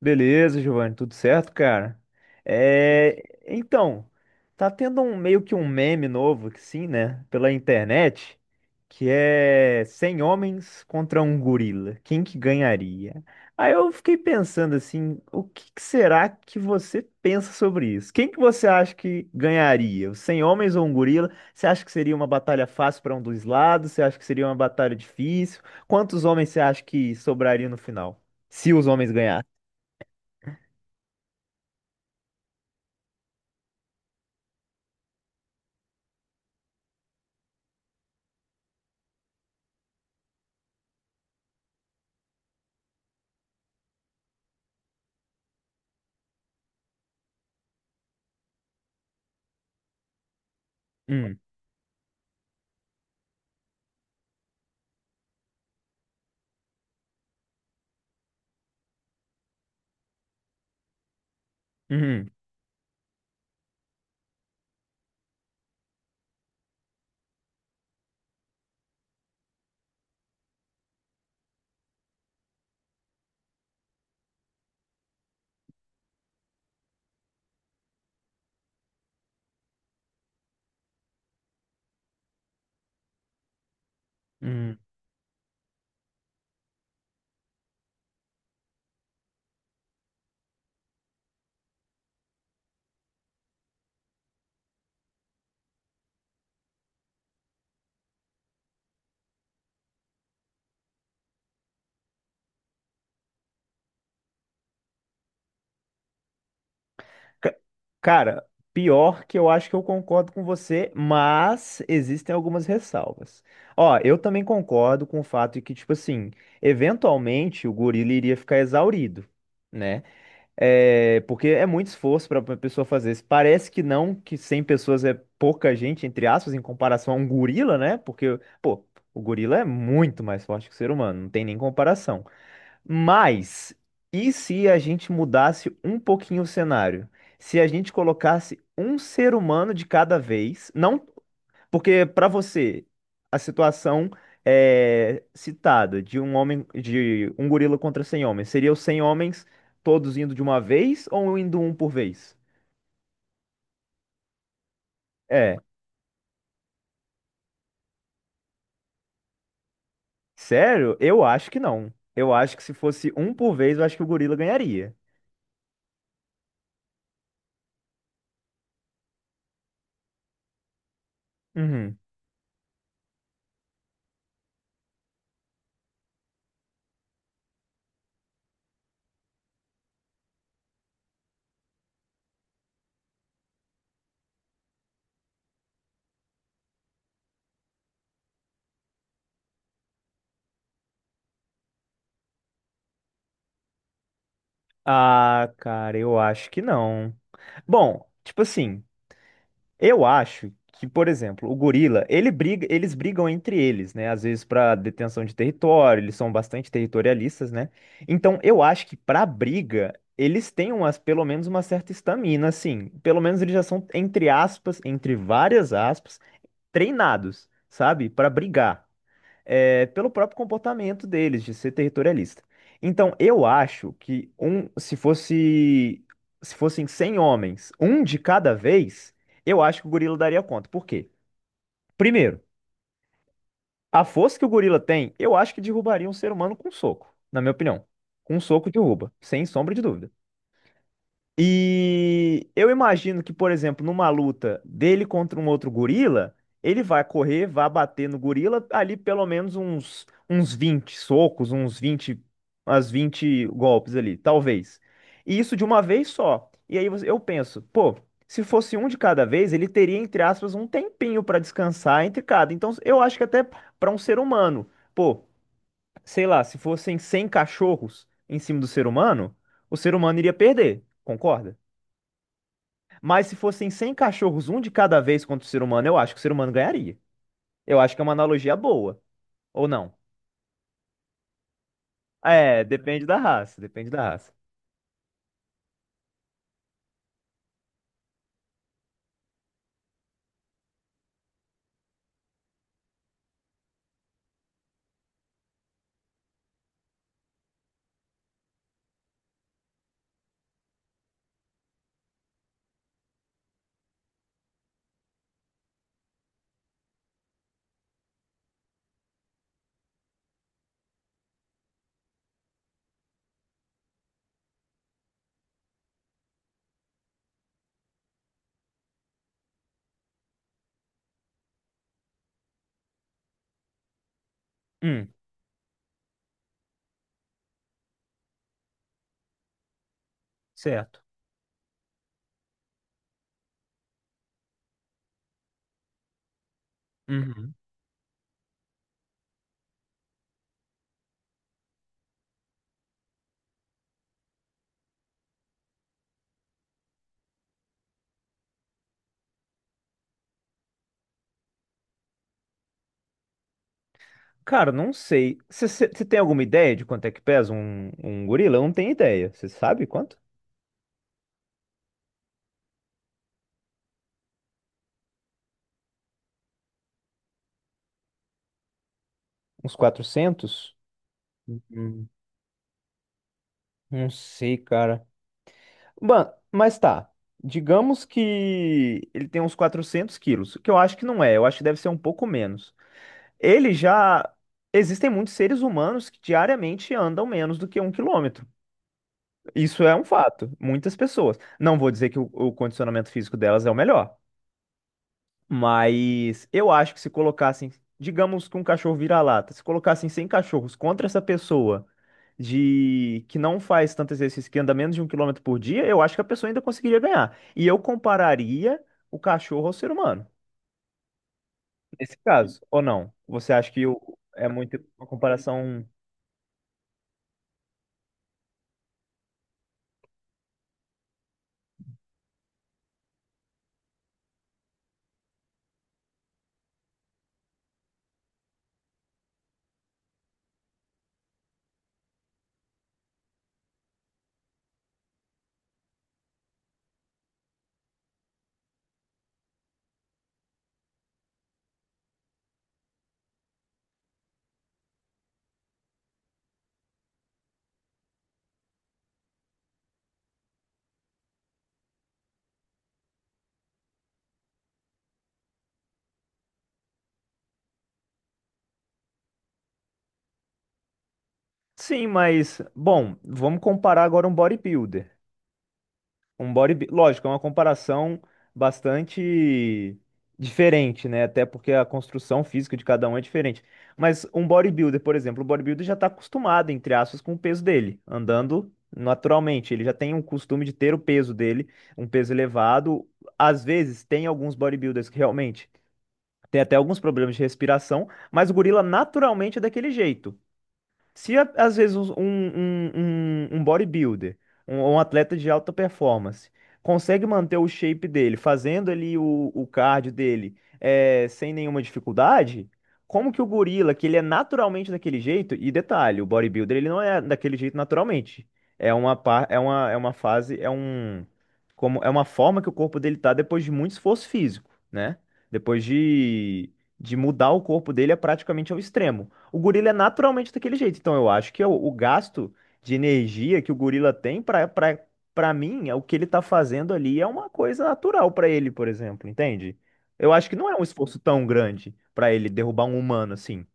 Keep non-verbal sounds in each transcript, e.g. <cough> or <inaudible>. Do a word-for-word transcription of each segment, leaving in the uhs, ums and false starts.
Beleza, Giovanni, tudo certo, cara? É, então, tá tendo um meio que um meme novo, que sim, né, pela internet, que é cem homens contra um gorila. Quem que ganharia? Aí eu fiquei pensando assim, o que que será que você pensa sobre isso? Quem que você acha que ganharia? Os cem homens ou um gorila? Você acha que seria uma batalha fácil para um dos lados? Você acha que seria uma batalha difícil? Quantos homens você acha que sobraria no final? Se os homens ganhassem? Hum. Uhum. Uhum. Ca- Cara, pior que eu acho que eu concordo com você, mas existem algumas ressalvas. Ó, eu também concordo com o fato de que, tipo assim, eventualmente o gorila iria ficar exaurido, né? É, porque é muito esforço para uma pessoa fazer isso. Parece que não, que cem pessoas é pouca gente, entre aspas, em comparação a um gorila, né? Porque, pô, o gorila é muito mais forte que o ser humano, não tem nem comparação. Mas, e se a gente mudasse um pouquinho o cenário? Se a gente colocasse um ser humano de cada vez, não porque para você, a situação é citada de um homem, de um gorila contra cem homens, seria os cem homens todos indo de uma vez ou indo um por vez? É, sério? Eu acho que não. Eu acho que se fosse um por vez, eu acho que o gorila ganharia. Uhum. Ah, cara, eu acho que não. Bom, tipo assim. Eu acho que, por exemplo, o gorila, ele briga, eles brigam entre eles, né? Às vezes para detenção de território, eles são bastante territorialistas, né? Então, eu acho que para briga, eles têm umas, pelo menos uma certa estamina, assim. Pelo menos eles já são, entre aspas, entre várias aspas, treinados, sabe? Para brigar é, pelo próprio comportamento deles de ser territorialista. Então, eu acho que um, se fosse, se fossem cem homens, um de cada vez, eu acho que o gorila daria conta. Por quê? Primeiro, a força que o gorila tem, eu acho que derrubaria um ser humano com um soco, na minha opinião. Com um soco derruba, sem sombra de dúvida. E eu imagino que, por exemplo, numa luta dele contra um outro gorila, ele vai correr, vai bater no gorila ali pelo menos uns, uns vinte socos, uns vinte umas vinte golpes ali, talvez. E isso de uma vez só. E aí você- eu penso, pô, se fosse um de cada vez, ele teria, entre aspas, um tempinho para descansar entre cada. Então eu acho que até para um ser humano, pô, sei lá, se fossem cem cachorros em cima do ser humano, o ser humano iria perder, concorda? Mas se fossem cem cachorros, um de cada vez contra o ser humano, eu acho que o ser humano ganharia. Eu acho que é uma analogia boa. Ou não? É, depende da raça, depende da raça. Hum. Certo. Uhum. Cara, não sei. Você tem alguma ideia de quanto é que pesa um, um gorila? Eu não tenho ideia. Você sabe quanto? Uns quatrocentos. Hum, não sei, cara. Mano, mas tá. Digamos que ele tem uns quatrocentos quilos, que eu acho que não é, eu acho que deve ser um pouco menos. Ele já. Existem muitos seres humanos que diariamente andam menos do que um quilômetro. Isso é um fato. Muitas pessoas. Não vou dizer que o, o condicionamento físico delas é o melhor, mas eu acho que se colocassem, digamos que um cachorro vira-lata, se colocassem cem cachorros contra essa pessoa de que não faz tanto exercício, que anda menos de um quilômetro por dia, eu acho que a pessoa ainda conseguiria ganhar. E eu compararia o cachorro ao ser humano, nesse caso, ou não? Você acha que o- é muito uma comparação? Sim, mas, bom, vamos comparar agora um bodybuilder. Um bodybuilder, lógico, é uma comparação bastante diferente, né? Até porque a construção física de cada um é diferente. Mas um bodybuilder, por exemplo, o bodybuilder já está acostumado, entre aspas, com o peso dele, andando naturalmente. Ele já tem um costume de ter o peso dele, um peso elevado. Às vezes, tem alguns bodybuilders que realmente têm até alguns problemas de respiração, mas o gorila naturalmente é daquele jeito. Se a- Às vezes um, um, um, um um bodybuilder, um, um atleta de alta performance, consegue manter o shape dele, fazendo ali o, o cardio dele eh, sem nenhuma dificuldade, como que o gorila, que ele é naturalmente daquele jeito, e detalhe, o bodybuilder ele não é daquele jeito naturalmente. É uma, par- é uma, é uma fase, é um, como, é uma forma que o corpo dele tá depois de muito esforço físico, né? Depois de, de mudar o corpo dele é praticamente ao extremo. O gorila é naturalmente daquele jeito. Então eu acho que é o, o gasto de energia que o gorila tem para para para mim, é o que ele tá fazendo ali é uma coisa natural para ele, por exemplo, entende? Eu acho que não é um esforço tão grande para ele derrubar um humano assim.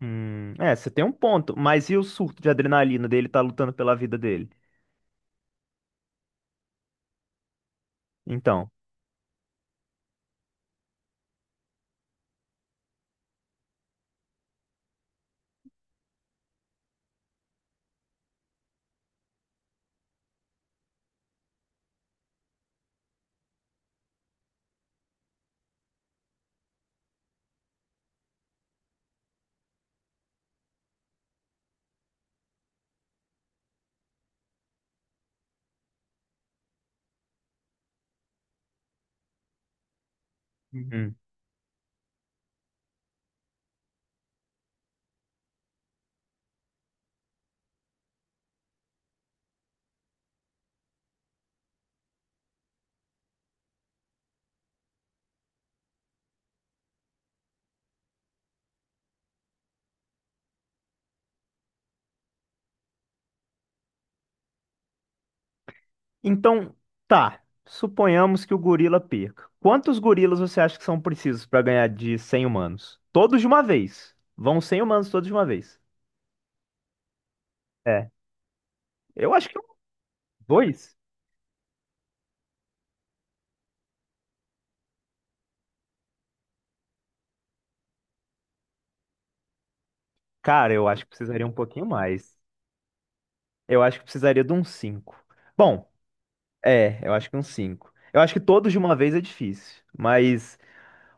Hum, é, você tem um ponto, mas e o surto de adrenalina dele tá lutando pela vida dele? Então, uhum. Então, tá. Suponhamos que o gorila perca. Quantos gorilas você acha que são precisos pra ganhar de cem humanos? Todos de uma vez. Vão cem humanos todos de uma vez. É. Eu acho que um- dois. Cara, eu acho que precisaria um pouquinho mais. Eu acho que precisaria de uns cinco. Bom, é, eu acho que uns cinco. Eu acho que todos de uma vez é difícil. Mas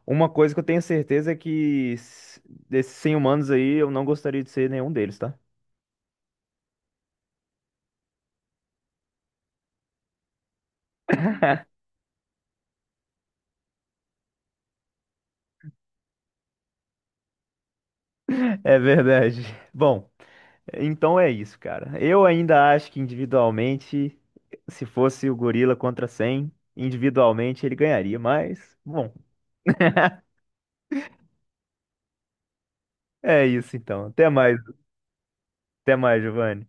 uma coisa que eu tenho certeza é que s- desses cem humanos aí, eu não gostaria de ser nenhum deles, tá? <laughs> É verdade. Bom. Então é isso, cara. Eu ainda acho que individualmente, se fosse o gorila contra cem individualmente ele ganharia, mas bom, é isso então. Até mais, até mais, Giovanni.